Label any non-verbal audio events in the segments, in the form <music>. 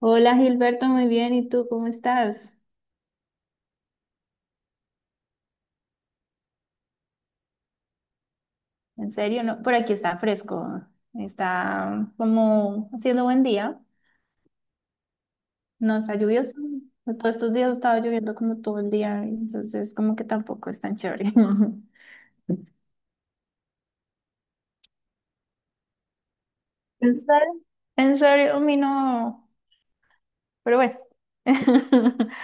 Hola Gilberto, muy bien. ¿Y tú cómo estás? En serio, no, por aquí está fresco, está como haciendo buen día, no está lluvioso. Todos estos días ha estado lloviendo como todo el día, entonces como que tampoco es tan chévere. <laughs> ¿En serio? En serio, a mí no, pero bueno, <laughs>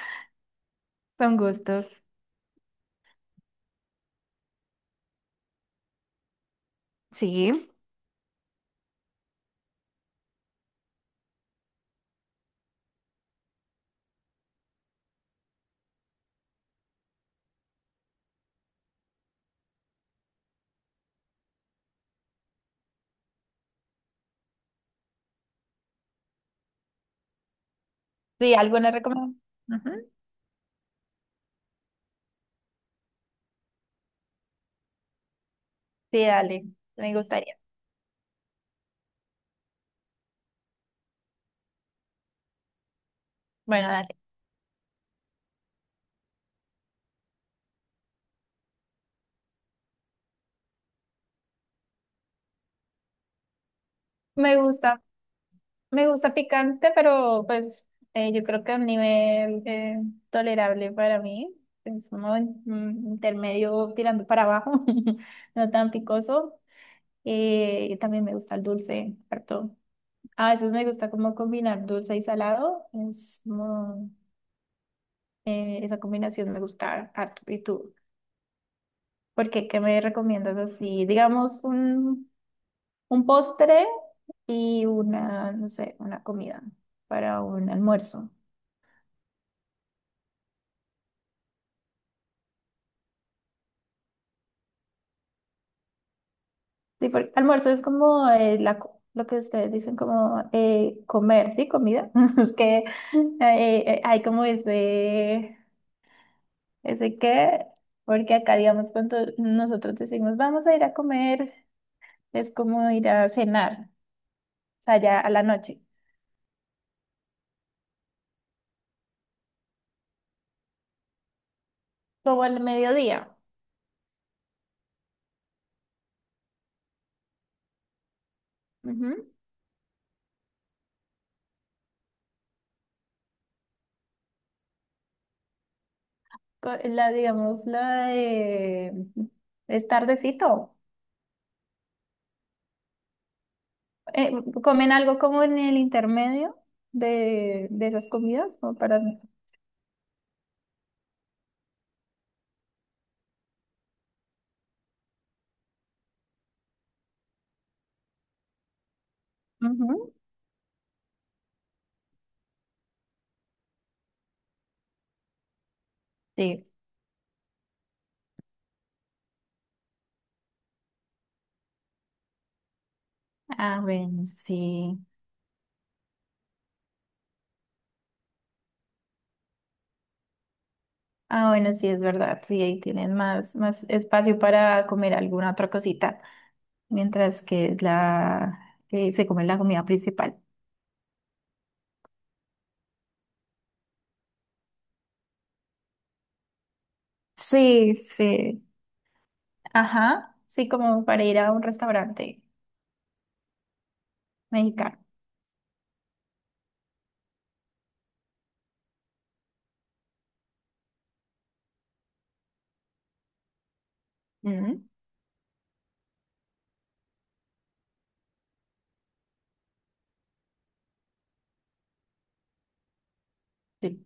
son gustos. Sí. Sí, alguna recomendación. Sí, dale, me gustaría. Bueno, dale. Me gusta Me gusta picante, pero pues yo creo que a un nivel tolerable para mí. Es intermedio tirando para abajo, <laughs> no tan picoso. Y también me gusta el dulce, harto. A veces me gusta como combinar dulce y salado. Es como, esa combinación me gusta harto. ¿Y tú? ¿Por qué? ¿Qué me recomiendas así? Digamos un postre y una, no sé, una comida para un almuerzo. Sí, porque almuerzo es como lo que ustedes dicen como comer, ¿sí? Comida. <laughs> Es que hay como ese qué, porque acá, digamos, cuando nosotros decimos vamos a ir a comer, es como ir a cenar, o sea, ya a la noche, como al mediodía. Ujú. La, digamos, la de es tardecito. Eh, ¿Comen algo como en el intermedio de esas comidas? Como para... Ujú. Sí. Ah, bueno, sí. Ah, bueno, sí, es verdad. Sí, ahí tienen más espacio para comer alguna otra cosita, mientras que es la que se come la comida principal. Sí, sí. Ajá. Sí, como para ir a un restaurante mexicano. Mm, sí.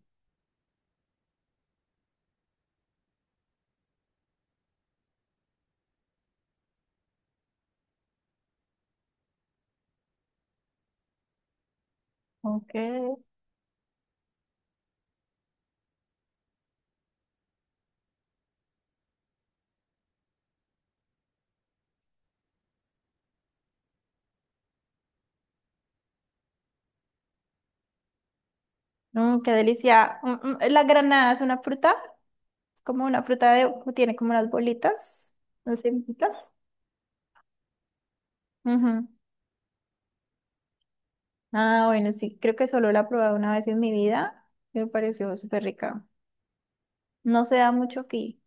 Ok. Mm, qué delicia. La granada es una fruta, es como una fruta de, tiene como unas bolitas, unas semillitas. Ujú. Ah, bueno, sí, creo que solo la he probado una vez en mi vida. Me pareció súper rica. No se da mucho aquí.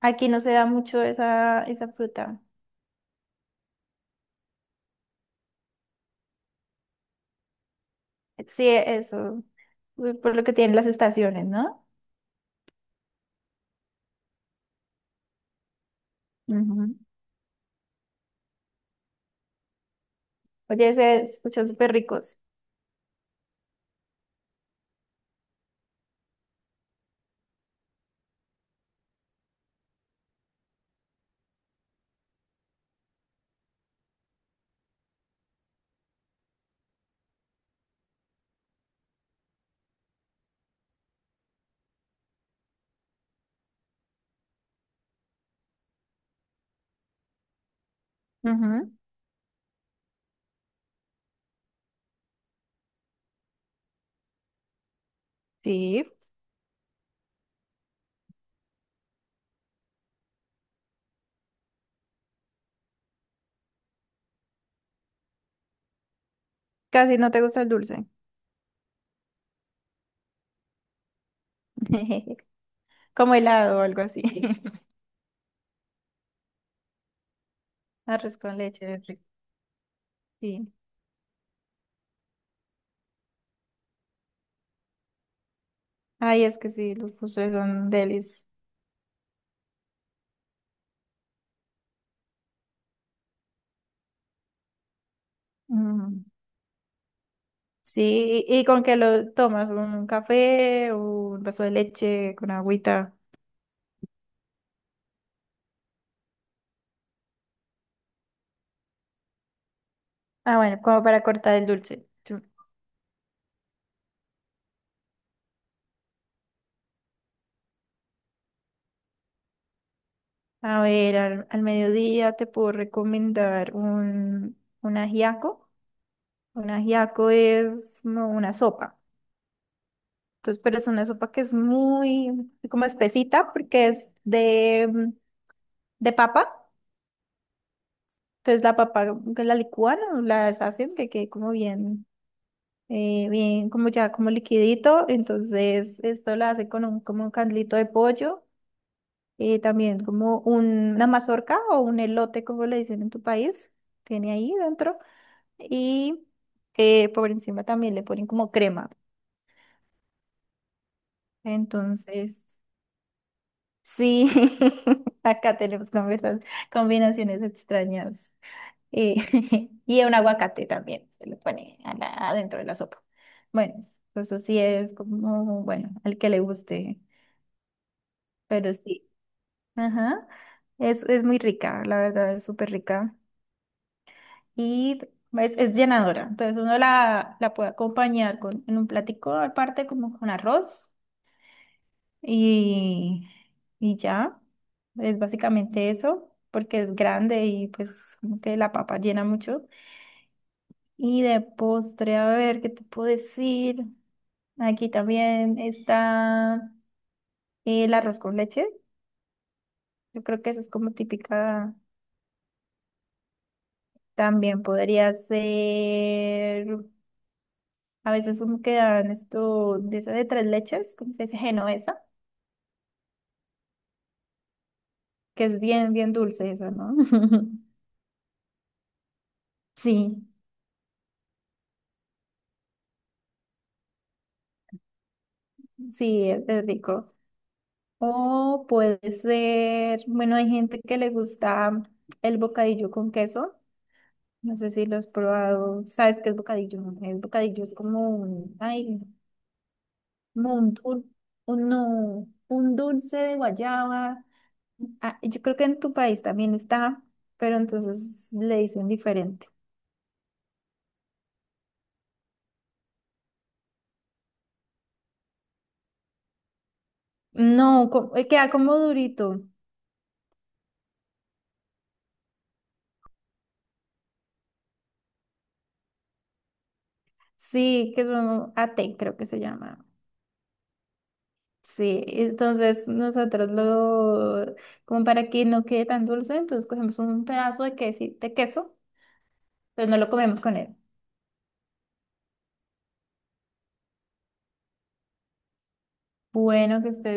Aquí no se da mucho esa fruta. Sí, eso. Uy, por lo que tienen las estaciones, ¿no? Ujú. Oye, se escuchan súper ricos. Ujú. Sí, casi no te gusta el dulce. <laughs> Como helado o algo así. <laughs> Arroz con leche es rico. Sí. Ay, es que sí, los postres son delis. Mm. Sí, ¿y con qué lo tomas? ¿Un café o un vaso de leche con agüita? Ah, bueno, como para cortar el dulce. Chu. A ver, al mediodía te puedo recomendar un ajiaco. Un ajiaco es como una sopa. Entonces, pero es una sopa que es muy como espesita porque es de, de papa. Entonces la papa que la licúan o la deshacen que quede como bien como ya como liquidito, entonces esto lo hace con un, como un caldito de pollo, también como una mazorca o un elote, como le dicen en tu país, tiene ahí dentro, y por encima también le ponen como crema, entonces sí, <laughs> acá tenemos combinaciones extrañas, eh, <laughs> y un aguacate también se le pone a adentro de la sopa. Bueno, pues así es como, bueno, al que le guste. Pero sí, ajá. Es muy rica, la verdad, es súper rica. Y es llenadora. Entonces uno la puede acompañar con, en un platico aparte, como con arroz. Y, y ya, es básicamente eso, porque es grande y pues como que la papa llena mucho. Y de postre, a ver, ¿qué te puedo decir? Aquí también está el arroz con leche. Yo creo que eso es como típica. También podría ser, a veces como que dan esto de esa de tres leches, ¿cómo se dice? Genovesa, que es bien, bien dulce esa, ¿no? <laughs> Sí, sí, es rico. O puede ser, bueno, hay gente que le gusta el bocadillo con queso. No sé si lo has probado. ¿Sabes qué es bocadillo? El bocadillo es como un, ay, como un, dul- un, no, un dulce de guayaba. Ah, yo creo que en tu país también está, pero entonces le dicen diferente. No, co- queda como durito. Sí, que son ate, creo que se llama. Sí, entonces como para que no quede tan dulce, entonces cogemos un pedazo de de queso, pero no lo comemos con él. Bueno, que estés.